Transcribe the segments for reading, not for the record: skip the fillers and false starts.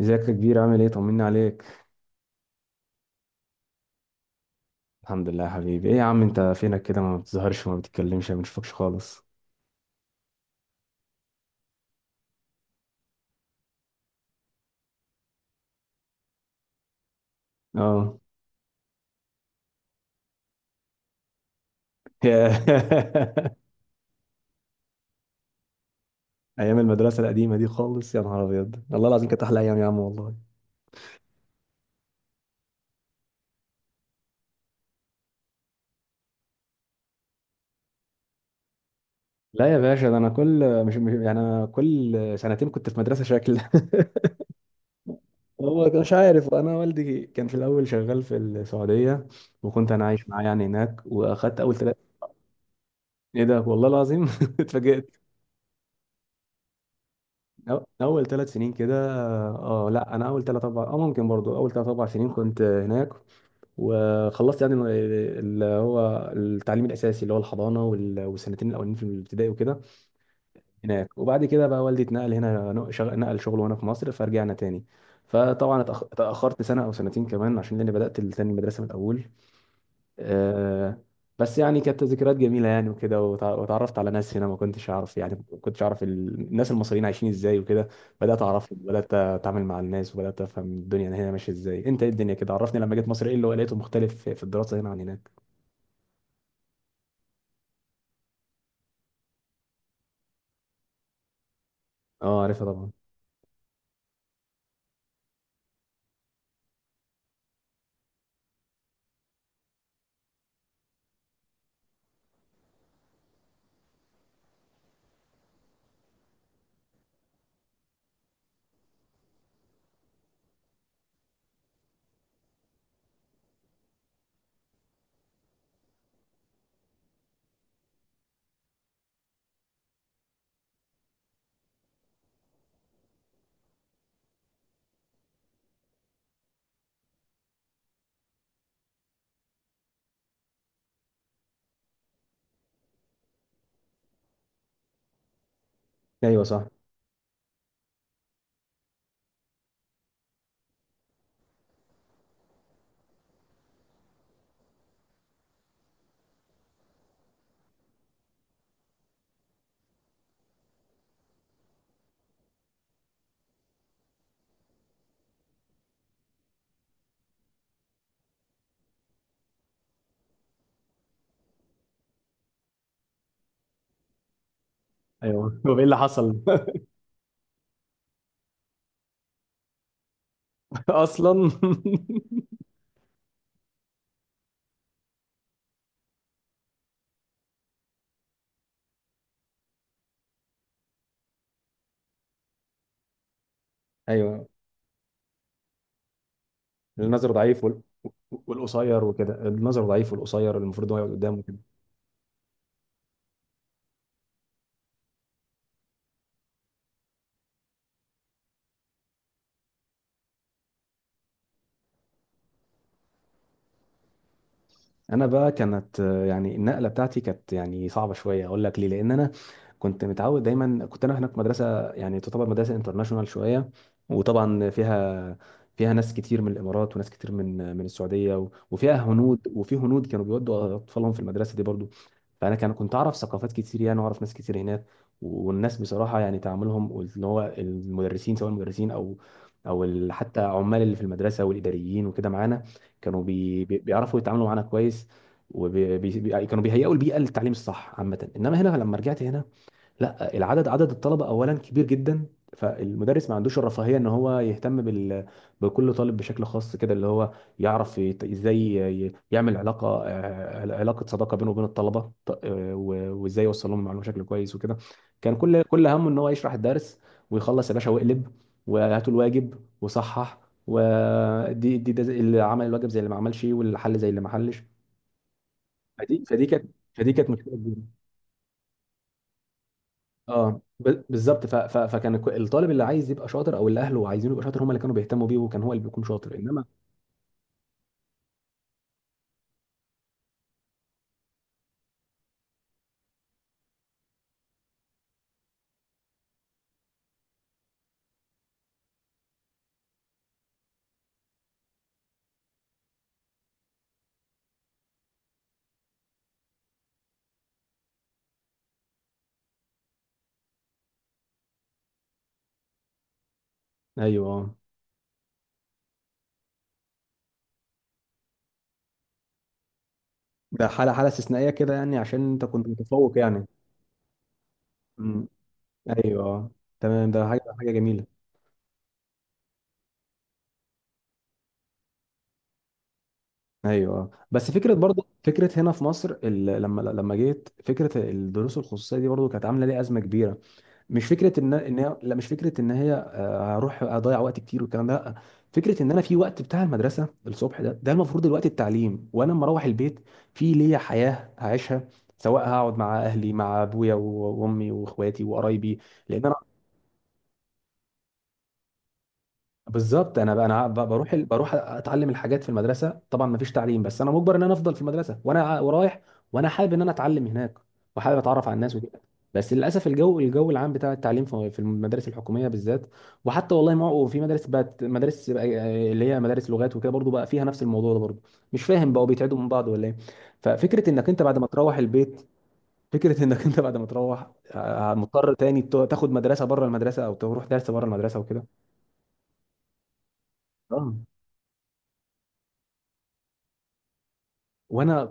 ازيك يا كبير، عامل ايه؟ طمني عليك. الحمد لله يا حبيبي. ايه يا عم، انت فينك كده؟ ما بتظهرش وما بتتكلمش ما بنشوفكش خالص. اه. ايام المدرسه القديمه دي خالص، يا نهار ابيض! والله العظيم كانت احلى ايام يا عم والله. لا يا باشا، ده انا كل يعني انا كل سنتين كنت في مدرسه شكل. هو مش عارف، انا والدي كان في الاول شغال في السعوديه، وكنت انا عايش معاه يعني هناك، واخدت اول ثلاث. ايه ده! والله العظيم. اتفاجئت. اول 3 سنين كده. اه، لا، انا اول ثلاث اربع ممكن برضو اول ثلاث اربع سنين كنت هناك. وخلصت يعني اللي هو التعليم الاساسي اللي هو الحضانه والسنتين الاولين في الابتدائي وكده هناك. وبعد كده بقى والدي اتنقل هنا، نقل شغله هنا في مصر، فرجعنا تاني. فطبعا اتاخرت سنه او سنتين كمان عشان لاني بدات تاني المدرسه من الاول. آه، بس يعني كانت ذكريات جميله يعني وكده، وتعرفت على ناس هنا ما كنتش اعرف، يعني ما كنتش اعرف الناس المصريين عايشين ازاي وكده. بدات اعرفهم، بدات اتعامل مع الناس، وبدات افهم الدنيا هنا ماشيه ازاي. انت ايه الدنيا كده؟ عرفني، لما جيت مصر ايه اللي لقيته مختلف في الدراسه هنا عن هناك؟ اه، عارفها طبعا. ايوه، صح. ايوه. طب ايه اللي حصل؟ اصلا؟ ايوه. النظر ضعيف والقصير وكده. النظر ضعيف والقصير المفروض هو يقعد قدامه. انا بقى كانت يعني النقله بتاعتي كانت يعني صعبه شويه. اقول لك ليه؟ لان انا كنت متعود دايما، كنت انا هناك في مدرسه يعني تعتبر مدرسه انترناشونال شويه، وطبعا فيها ناس كتير من الامارات، وناس كتير من السعوديه، وفيها هنود، وفي هنود كانوا بيودوا اطفالهم في المدرسه دي برضو. فانا كنت اعرف ثقافات كتير يعني، واعرف ناس كتير هناك. والناس بصراحه يعني تعاملهم، واللي هو المدرسين، سواء المدرسين او او حتى عمال اللي في المدرسه والاداريين وكده معانا، كانوا بيعرفوا يتعاملوا معانا كويس، وكانوا بيهيئوا البيئه للتعليم الصح عامه. انما هنا لما رجعت هنا، لا، عدد الطلبه اولا كبير جدا. فالمدرس ما عندوش الرفاهيه ان هو يهتم بكل طالب بشكل خاص كده، اللي هو يعرف ازاي يعمل علاقه صداقه بينه وبين الطلبه، وازاي يوصل لهم المعلومه بشكل كويس وكده. كان كل همه ان هو يشرح الدرس ويخلص يا باشا، واقلب وهاتوا الواجب وصحح. ودي دي ده زي- اللي عمل الواجب زي اللي ما عملش، واللي حل زي اللي ما حلش. فدي كانت مشكله كبيرة. اه، بالظبط. فكان الطالب اللي عايز يبقى شاطر او اللي اهله عايزينه يبقى شاطر، هم اللي كانوا بيهتموا بيه، وكان هو اللي بيكون شاطر، انما. ايوه، آه. ده حاله استثنائيه كده يعني، عشان انت كنت متفوق يعني. امم. ايوه، آه. تمام، ده حاجه جميله. ايوه، آه. بس فكره، برضه فكره هنا في مصر لما جيت، فكره الدروس الخصوصيه دي برضه كانت عامله لي ازمه كبيره. مش فكره ان هي، لا، مش فكره ان هي هروح اضيع وقت كتير والكلام ده، لا. فكره ان انا في وقت بتاع المدرسه الصبح ده المفروض الوقت التعليم، وانا لما اروح البيت في ليا حياه هعيشها، سواء هقعد مع اهلي مع ابويا وامي واخواتي وقرايبي، لان انا. بالظبط. انا بقى انا بروح اتعلم الحاجات في المدرسه طبعا ما فيش تعليم، بس انا مجبر ان انا افضل في المدرسه وانا ورايح، وانا حابب ان انا اتعلم هناك، وحابب اتعرف على الناس وكده. بس للاسف الجو الجو العام بتاع التعليم في المدارس الحكوميه بالذات، وحتى والله ما هو في مدارس، بقت مدارس بقى اللي هي مدارس لغات وكده برضو بقى فيها نفس الموضوع ده برضو. مش فاهم بقوا بيتعدوا من بعض ولا ايه؟ ففكره انك انت بعد ما تروح البيت، فكره انك انت بعد ما تروح مضطر تاني تاخد مدرسه بره المدرسه او تروح درس بره المدرسه وكده. آه. وانا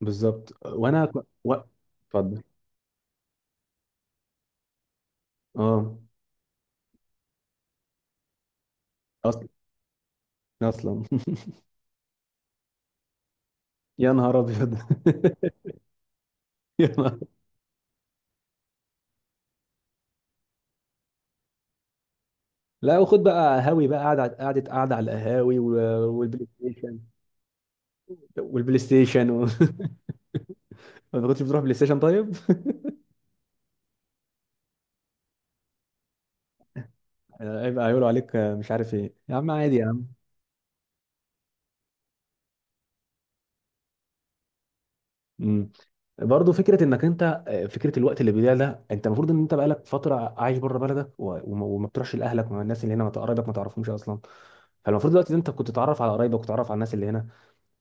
بالظبط. وانا اتفضل. اه. اصلا. اصلا. يا نهار ابيض. يا نهار. لا، وخد بقى، هاوي بقى قاعده قاعده قاعده على القهاوي والبلاي ستيشن. والبلاي ستيشن و... ما كنتش بتروح بلاي ستيشن طيب؟ هيبقى هيقولوا عليك، مش عارف ايه يا عم، عادي يا عم. امم برضه فكره انك انت، فكره الوقت اللي بيضيع ده، انت المفروض ان انت بقالك فتره عايش بره بلدك، وما بتروحش لاهلك، مع الناس اللي هنا، ما قرايبك ما تعرفهمش اصلا. فالمفروض دلوقتي إن انت كنت تتعرف على قرايبك وتتعرف على الناس اللي هنا.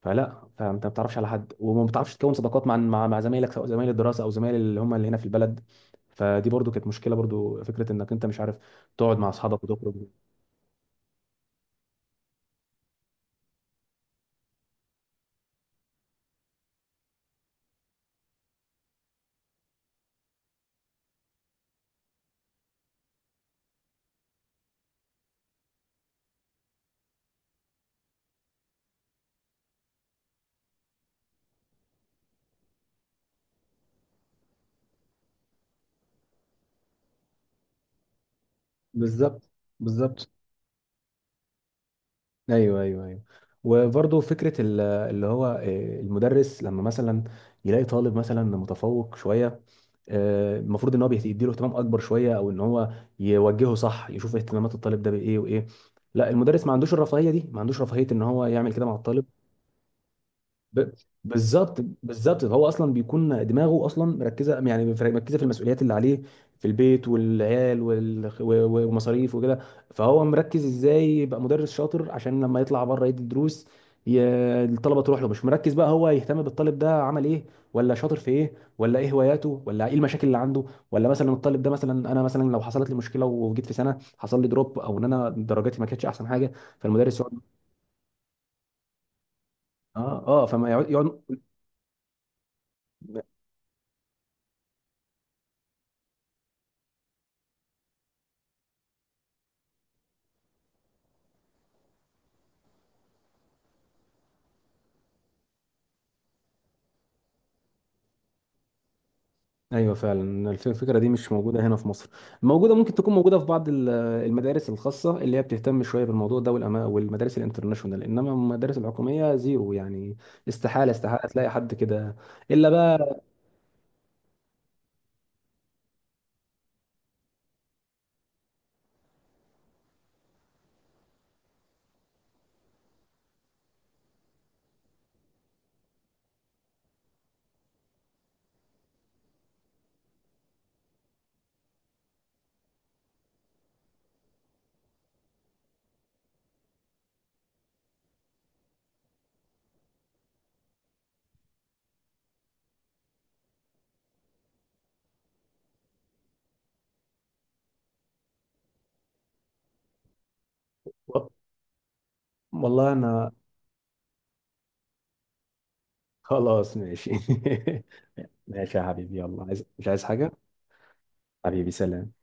فلا، فانت ما بتعرفش على حد، وما بتعرفش تكون صداقات مع زمايلك، سواء زمايل الدراسه او زمايل اللي هم اللي هنا في البلد. فدي برضو كانت مشكله، برضو فكره انك انت مش عارف تقعد مع اصحابك وتخرج. بالظبط، بالظبط. ايوه، ايوه، ايوه. وبرضو فكره اللي هو المدرس لما مثلا يلاقي طالب مثلا متفوق شويه، المفروض ان هو يديله اهتمام اكبر شويه، او ان هو يوجهه صح، يشوف اهتمامات الطالب ده بايه وايه. لا، المدرس ما عندوش الرفاهيه دي، ما عندوش رفاهيه ان هو يعمل كده مع الطالب. ب- بالظبط، بالظبط. هو اصلا بيكون دماغه اصلا مركزه، يعني مركزه في المسؤوليات اللي عليه في البيت والعيال ومصاريف وكده. فهو مركز ازاي يبقى مدرس شاطر، عشان لما يطلع بره يدي دروس، ي- الطلبه تروح له، مش مركز بقى هو يهتم بالطالب ده عمل ايه، ولا شاطر في ايه، ولا ايه هواياته، ولا ايه المشاكل اللي عنده، ولا مثلا الطالب ده مثلا، انا مثلا لو حصلت لي مشكله وجيت في سنه حصل لي دروب، او ان انا درجاتي ما كانتش احسن حاجه، فالمدرس يقعد. اه، اه، فما يقعد يقعد. ايوه، فعلا الفكره دي مش موجوده هنا في مصر. موجوده، ممكن تكون موجوده في بعض المدارس الخاصه اللي هي بتهتم شويه بالموضوع ده، والمدارس الانترناشونال. انما المدارس الحكوميه زيرو يعني، استحاله استحاله تلاقي حد كده الا بقى. و- والله انا، خلاص ماشي. ماشي يا حبيبي، يلا، عايز مش عايز حاجه؟ حبيبي، سلام.